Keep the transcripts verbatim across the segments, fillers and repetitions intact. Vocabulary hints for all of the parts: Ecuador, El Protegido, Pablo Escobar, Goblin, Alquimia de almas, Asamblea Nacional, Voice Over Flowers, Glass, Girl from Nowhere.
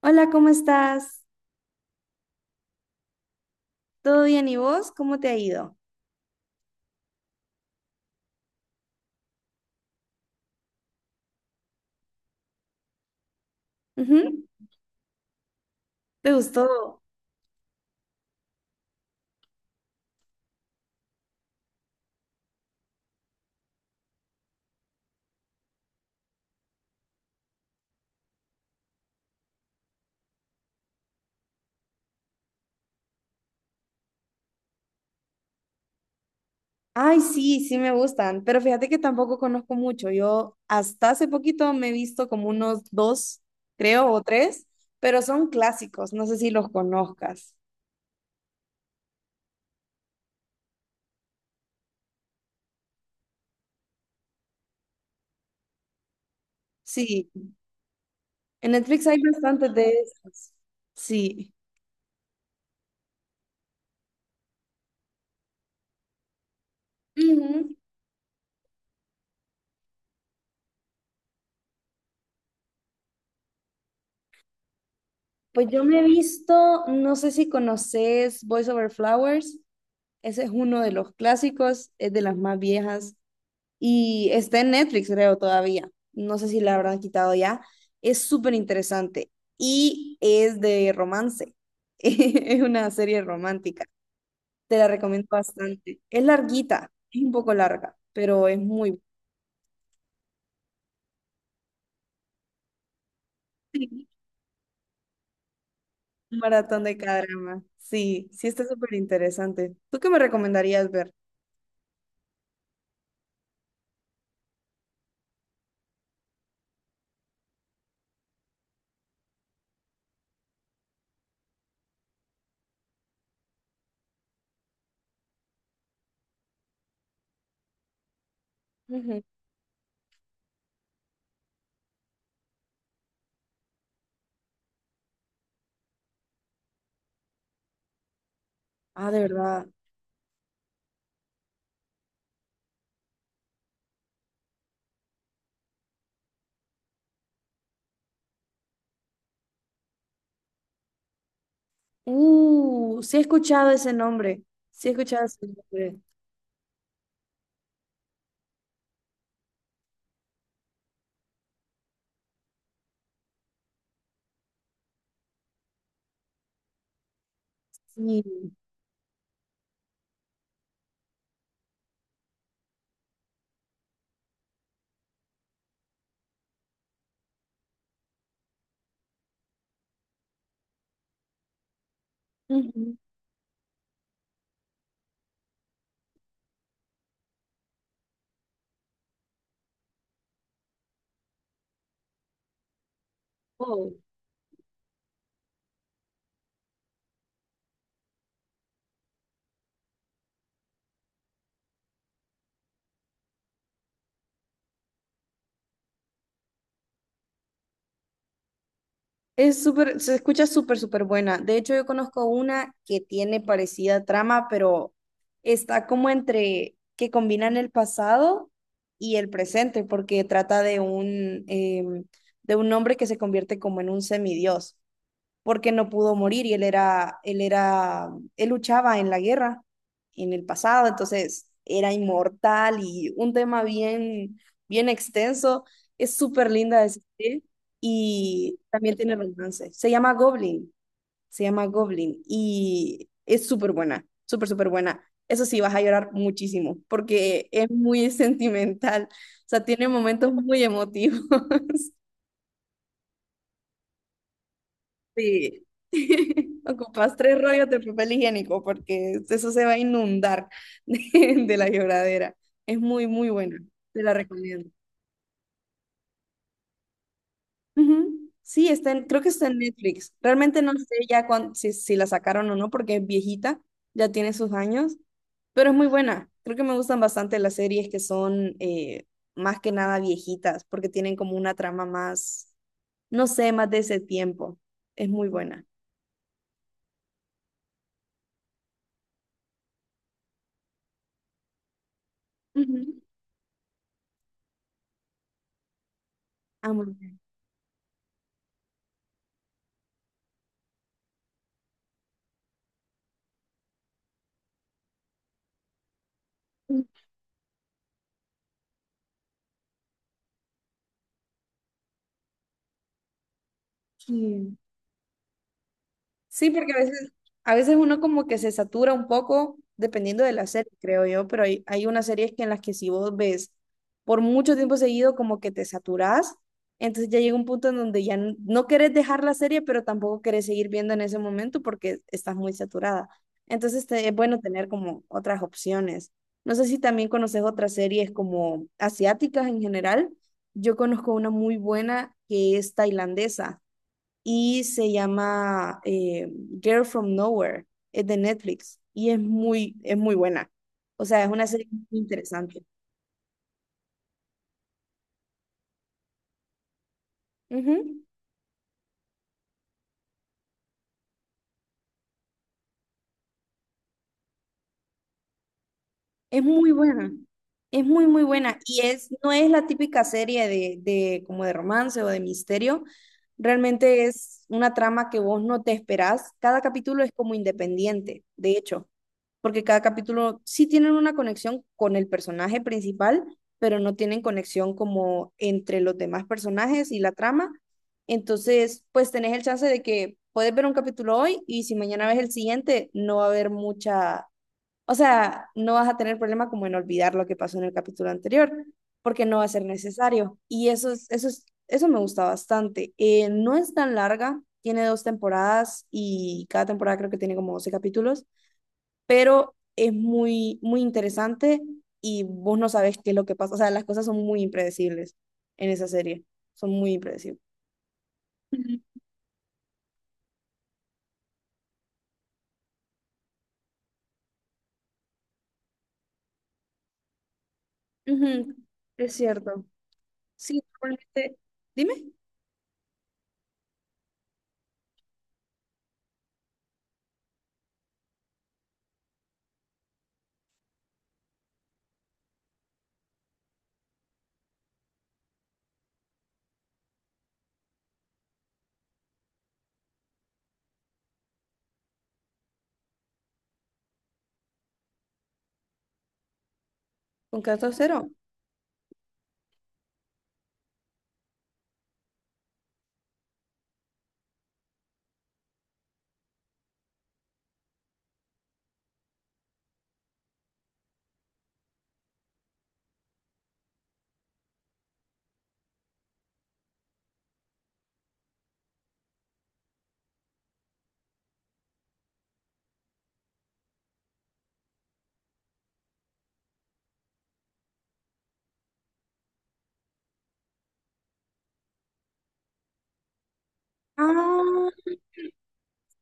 Hola, ¿cómo estás? ¿Todo bien y vos? ¿Cómo te ha ido? Ujú. ¿Te gustó? Ay, sí, sí me gustan, pero fíjate que tampoco conozco mucho. Yo hasta hace poquito me he visto como unos dos, creo, o tres, pero son clásicos, no sé si los conozcas. Sí, en Netflix hay bastantes de esos. Sí. Ujú. Pues yo me he visto, no sé si conoces Voice Over Flowers, ese es uno de los clásicos, es de las más viejas. Y está en Netflix, creo, todavía. No sé si la habrán quitado ya. Es súper interesante y es de romance. Es una serie romántica. Te la recomiendo bastante. Es larguita, es un poco larga, pero es muy buena. Un maratón de cada drama. Sí, sí está súper interesante. ¿Tú qué me recomendarías ver? Ujú. Ah, ¿de verdad? Uh, sí he escuchado ese nombre. Sí he escuchado ese nombre. Sí. Ujú. Oh. Es súper, se escucha súper, súper buena. De hecho, yo conozco una que tiene parecida trama, pero está como entre que combinan el pasado y el presente, porque trata de un, em, de un hombre que se convierte como en un semidios porque no pudo morir y él era, él era, él luchaba en la guerra, en el pasado, entonces era inmortal y un tema bien, bien extenso. Es súper linda de asistir y también tiene romance. Se llama Goblin, se llama Goblin y es súper buena, súper, súper buena. Eso sí, vas a llorar muchísimo porque es muy sentimental, o sea, tiene momentos muy emotivos. Sí. Ocupas tres rollos de papel higiénico porque eso se va a inundar de, de la lloradera. Es muy, muy buena. Te la recomiendo. Ujú. Sí, está en- creo que está en Netflix. Realmente no sé ya cuán- si, si la sacaron o no porque es viejita, ya tiene sus años, pero es muy buena. Creo que me gustan bastante las series que son eh, más que nada viejitas porque tienen como una trama más, no sé, más de ese tiempo. Es muy buena. Ujú. Ah, muy bien. Sí. Sí, porque a veces, a veces uno como que se satura un poco dependiendo de la serie, creo yo, pero hay, hay unas series que en las que si vos ves por mucho tiempo seguido como que te saturás, entonces ya llega un punto en donde ya n- no querés dejar la serie, pero tampoco querés seguir viendo en ese momento porque estás muy saturada. Entonces te- es bueno tener como otras opciones. No sé si también conoces otras series como asiáticas en general. Yo conozco una muy buena que es tailandesa y se llama eh, Girl from Nowhere, es de Netflix y es muy, es muy buena. O sea, es una serie muy interesante. Ujú. Es muy buena. Es muy, muy buena. Y es, no es la típica serie de, de como de romance o de misterio. Realmente es una trama que vos no te esperás. Cada capítulo es como independiente, de hecho. Porque cada capítulo sí tienen una conexión con el personaje principal, pero no tienen conexión como entre los demás personajes y la trama. Entonces, pues tenés el chance de que puedes ver un capítulo hoy y si mañana ves el siguiente, no va a haber mucha, o sea, no vas a tener problema como en olvidar lo que pasó en el capítulo anterior, porque no va a ser necesario. Y eso es, eso es, eso me gusta bastante. Eh, no es tan larga, tiene dos temporadas y cada temporada creo que tiene como doce capítulos, pero es muy, muy interesante y vos no sabes qué es lo que pasa. O sea, las cosas son muy impredecibles en esa serie, son muy impredecibles. Ujú, ujú. Es cierto. Sí, normalmente. Dime, ¿con catorce cero? Ah,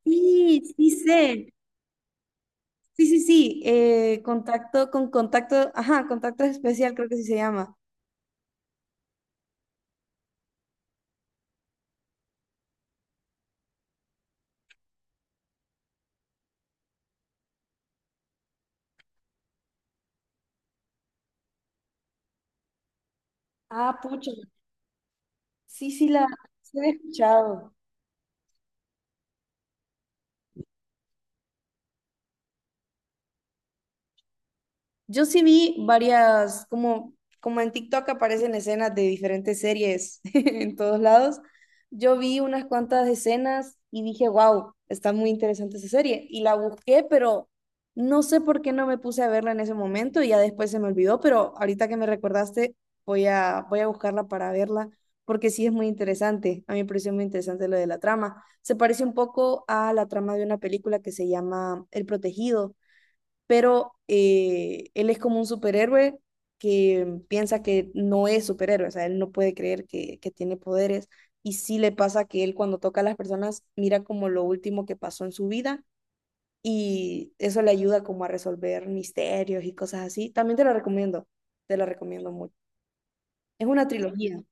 sí, sí sé. Sí, sí, sí. Eh, contacto con contacto. Ajá, contacto especial creo que sí se llama. Ah, pucha. Sí, sí, la sí la he escuchado. Yo sí vi varias, como, como en TikTok aparecen escenas de diferentes series en todos lados. Yo vi unas cuantas escenas y dije, wow, está muy interesante esa serie. Y la busqué, pero no sé por qué no me puse a verla en ese momento y ya después se me olvidó, pero ahorita que me recordaste, voy a, voy a buscarla para verla, porque sí es muy interesante. A mí me pareció muy interesante lo de la trama. Se parece un poco a la trama de una película que se llama El Protegido, pero eh, él es como un superhéroe que piensa que no es superhéroe, o sea, él no puede creer que, que tiene poderes y sí le pasa que él cuando toca a las personas mira como lo último que pasó en su vida y eso le ayuda como a resolver misterios y cosas así. También te lo recomiendo, te lo recomiendo mucho. Es una trilogía.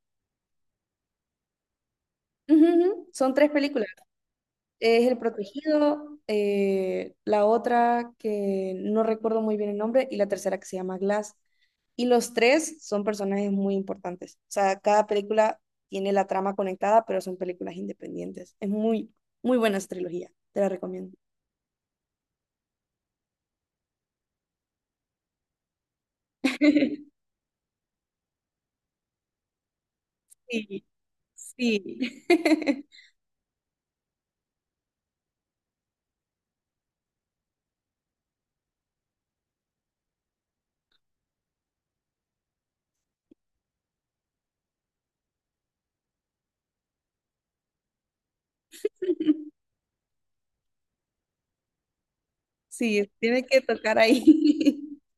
Ujú, ujú. Son tres películas. Es El Protegido, eh, la otra que no recuerdo muy bien el nombre y la tercera que se llama Glass. Y los tres son personajes muy importantes. O sea, cada película tiene la trama conectada, pero son películas independientes. Es muy, muy buena esa trilogía. Te la recomiendo. Sí, sí. Sí, tiene que tocar ahí.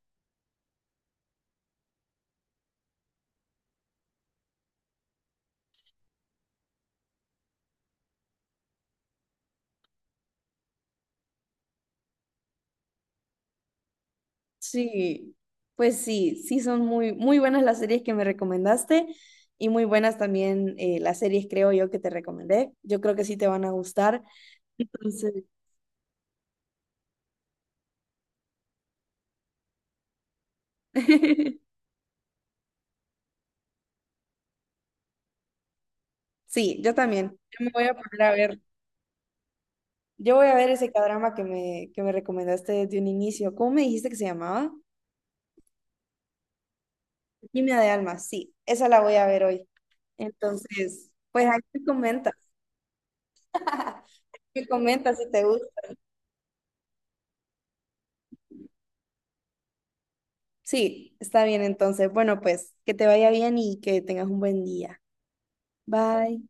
Sí, pues sí, sí son muy, muy buenas las series que me recomendaste y muy buenas también eh, las series, creo yo, que te recomendé. Yo creo que sí te van a gustar. Entonces, sí, yo también. Yo me voy a poner a ver, yo voy a ver ese cadrama que me, que me recomendaste desde un inicio. ¿Cómo me dijiste que se llamaba? Alquimia de almas, sí, esa la voy a ver hoy. Entonces, pues ahí me comenta, me comenta si te gusta. Sí, está bien entonces. Bueno, pues que te vaya bien y que tengas un buen día. Bye.